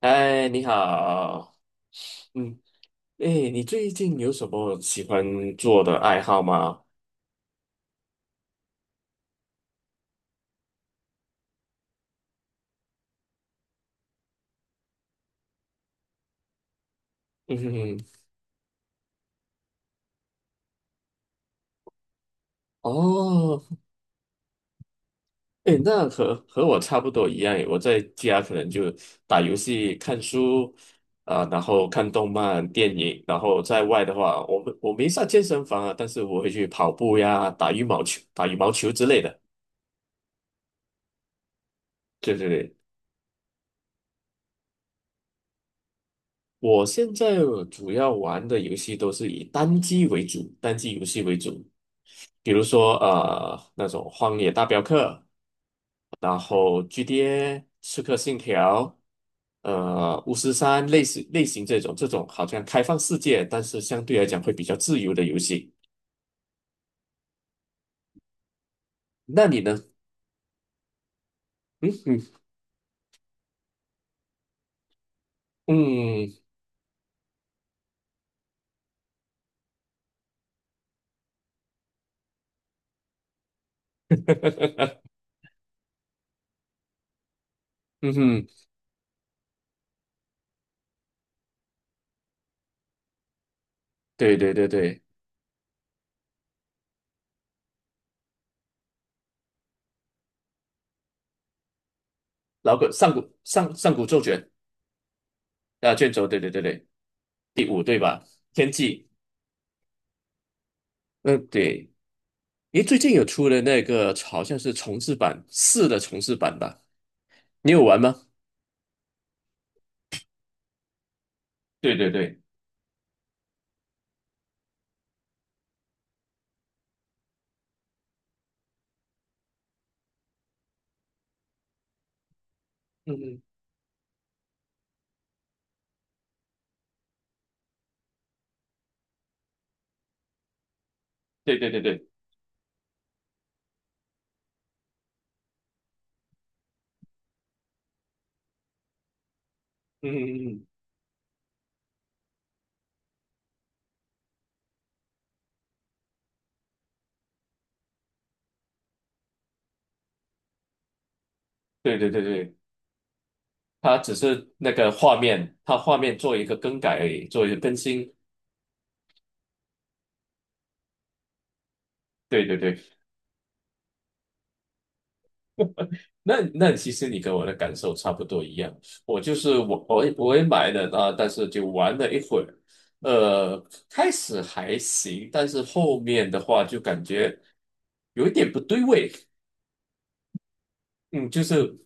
嗨，你好，嗯，哎，你最近有什么喜欢做的爱好吗？嗯哼哼，哦，哎，那和我差不多一样诶，我在家可能就打游戏、看书，啊、然后看动漫、电影，然后在外的话，我没上健身房啊，但是我会去跑步呀、打羽毛球、打羽毛球之类的。对对对，我现在主要玩的游戏都是以单机为主，单机游戏为主。比如说那种《荒野大镖客》，然后《GTA》《刺客信条》，《巫师三》类似类型这种好像开放世界，但是相对来讲会比较自由的游戏。那你呢？嗯嗯嗯嗯哼，对对对对，老古上古上上古咒卷啊卷轴，对对对对，第五对吧？天际，嗯对，诶，最近有出了那个好像是重制版四的重制版吧？你有玩吗？对对对。嗯嗯，对对对对，嗯嗯嗯，对对对对，它只是那个画面，它画面做一个更改而已，做一个更新。对对对，那那其实你跟我的感受差不多一样，我就是我我也我也买了啊，但是就玩了一会儿，呃，开始还行，但是后面的话就感觉有一点不对味，嗯，就是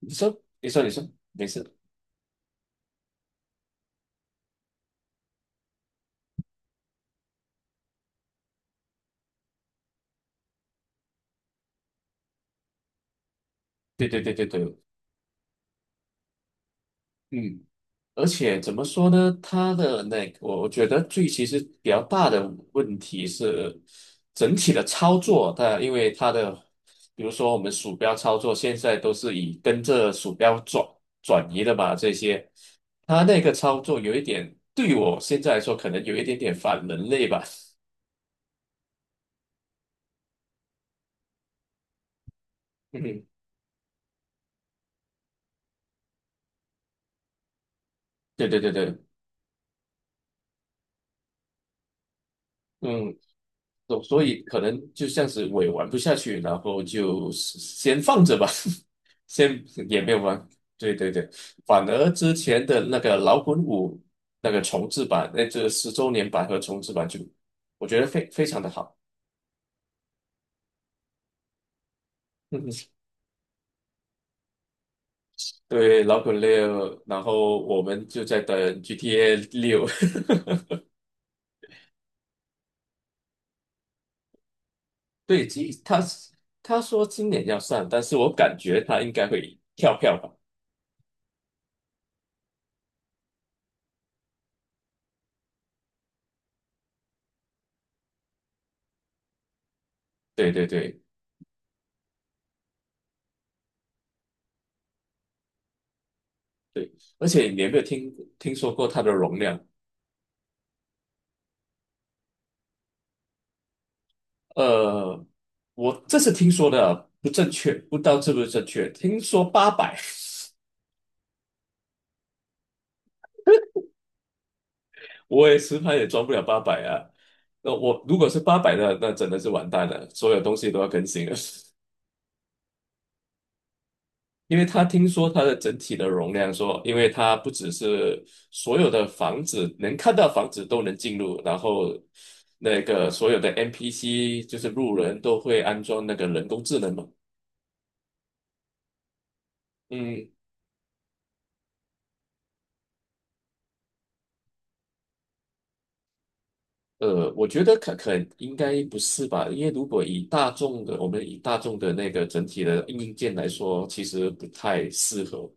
你说你说没事，对对对对对，嗯。而且怎么说呢？它的那个，我觉得最其实比较大的问题是整体的操作，它因为它的，比如说我们鼠标操作现在都是以跟着鼠标转移的嘛，这些，它那个操作有一点，对我现在来说可能有一点点反人类吧。嗯，对对对对，嗯，所以可能就像是我也玩不下去，然后就先放着吧，先也没有玩。对对对，反而之前的那个老滚五那个重制版，那这10周年版和重制版就，我觉得非常的好。对，老滚六，然后我们就在等 GTA 六。对，其实他说今年要上，但是我感觉他应该会跳票吧。对对对对，而且你有没有听说过它的容量？呃，我这是听说的啊不正确，不知道是不是正确。听说八百，我也实拍也装不了八百啊。那我如果是八百的，那真的是完蛋了，所有东西都要更新了。因为他听说它的整体的容量说，因为它不只是所有的房子能看到房子都能进入，然后那个所有的 NPC 就是路人都会安装那个人工智能嘛。嗯我觉得可应该不是吧？因为如果以大众的，我们以大众的那个整体的硬件来说，其实不太适合，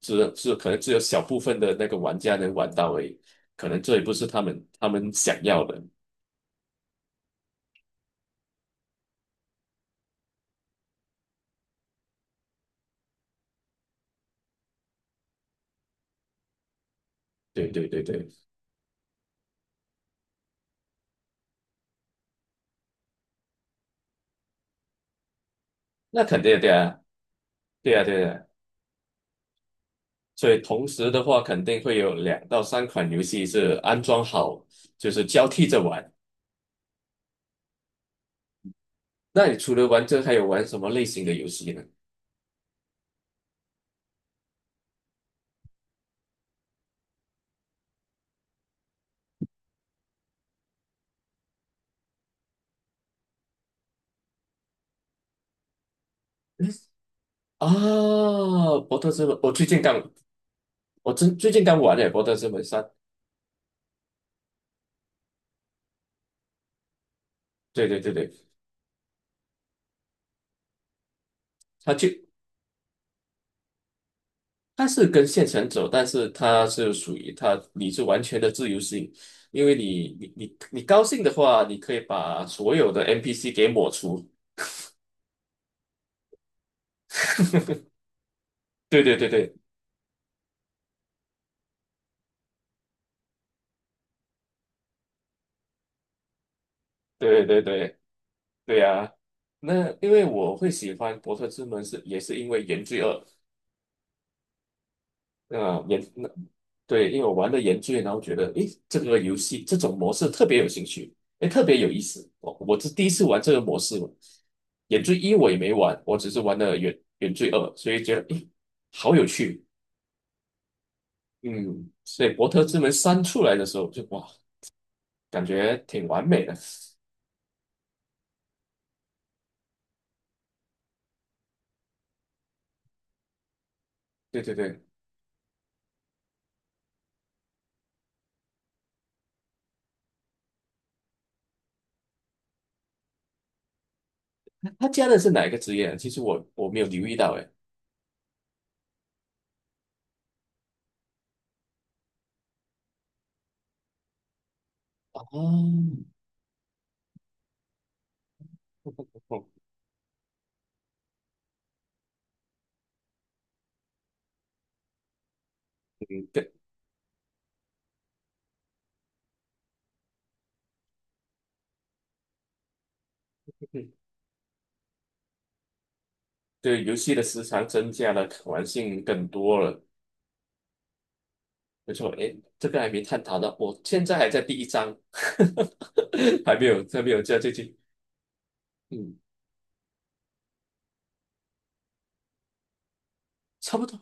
只是可能只有小部分的那个玩家能玩到而已，可能这也不是他们想要的。对对对对，那肯定的呀，对呀对呀。所以同时的话，肯定会有两到三款游戏是安装好，就是交替着玩。那你除了玩这，还有玩什么类型的游戏呢？啊，博特之门，我最近刚玩了《哈利波特》这本三，对对对对，他就他是跟县城走，但是他是属于他，你是完全的自由性，因为你高兴的话，你可以把所有的 NPC 给抹除。对对对对对对对对呀、那因为我会喜欢《伯特之门》是也是因为《原罪二》，那研那对，因为我玩的研究，然后觉得诶，这个游戏这种模式特别有兴趣，诶，特别有意思。我是第一次玩这个模式嘛，原罪一我也没玩，我只是玩了原罪二，所以觉得诶，好有趣。嗯，所以《伯特之门三》出来的时候就哇，感觉挺完美的。对对对，他加的是哪一个职业啊？其实我没有留意到诶。哦，嗯，对，嗯对，游戏的时长增加了，可玩性更多了。没错，诶，这个还没探讨到，我现在还在第一章，还没有，还没有加进去。嗯，差不多，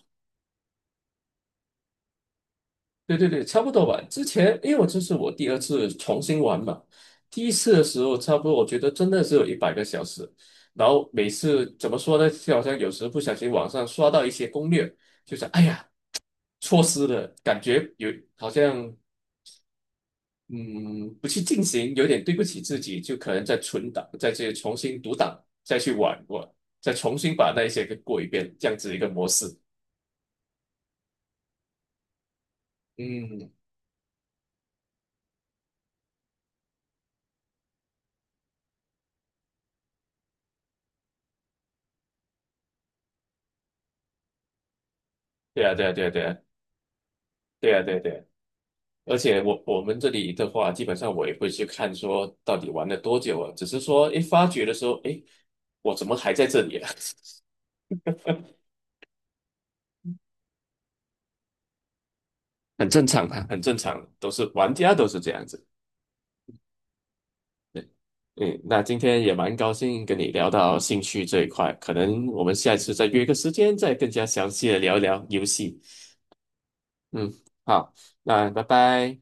对对对，差不多吧。之前，因为我这是我第二次重新玩嘛，第一次的时候差不多，我觉得真的是有100个小时。然后每次怎么说呢，就好像有时不小心网上刷到一些攻略，就想，哎呀，错失了，感觉有好像嗯，不去进行，有点对不起自己，就可能再存档，再去重新读档，再去玩过，再重新把那一些给过一遍，这样子一个模式。嗯，对啊，对啊，对啊，对啊，对啊，对啊，对啊。而且我们这里的话，基本上我也不会去看说到底玩了多久啊，只是说，诶，发觉的时候，诶，我怎么还在这里啊？很正常啊，很正常，都是玩家都是这样子。嗯，那今天也蛮高兴跟你聊到兴趣这一块，可能我们下一次再约个时间，再更加详细的聊一聊游戏。嗯，好，那拜拜。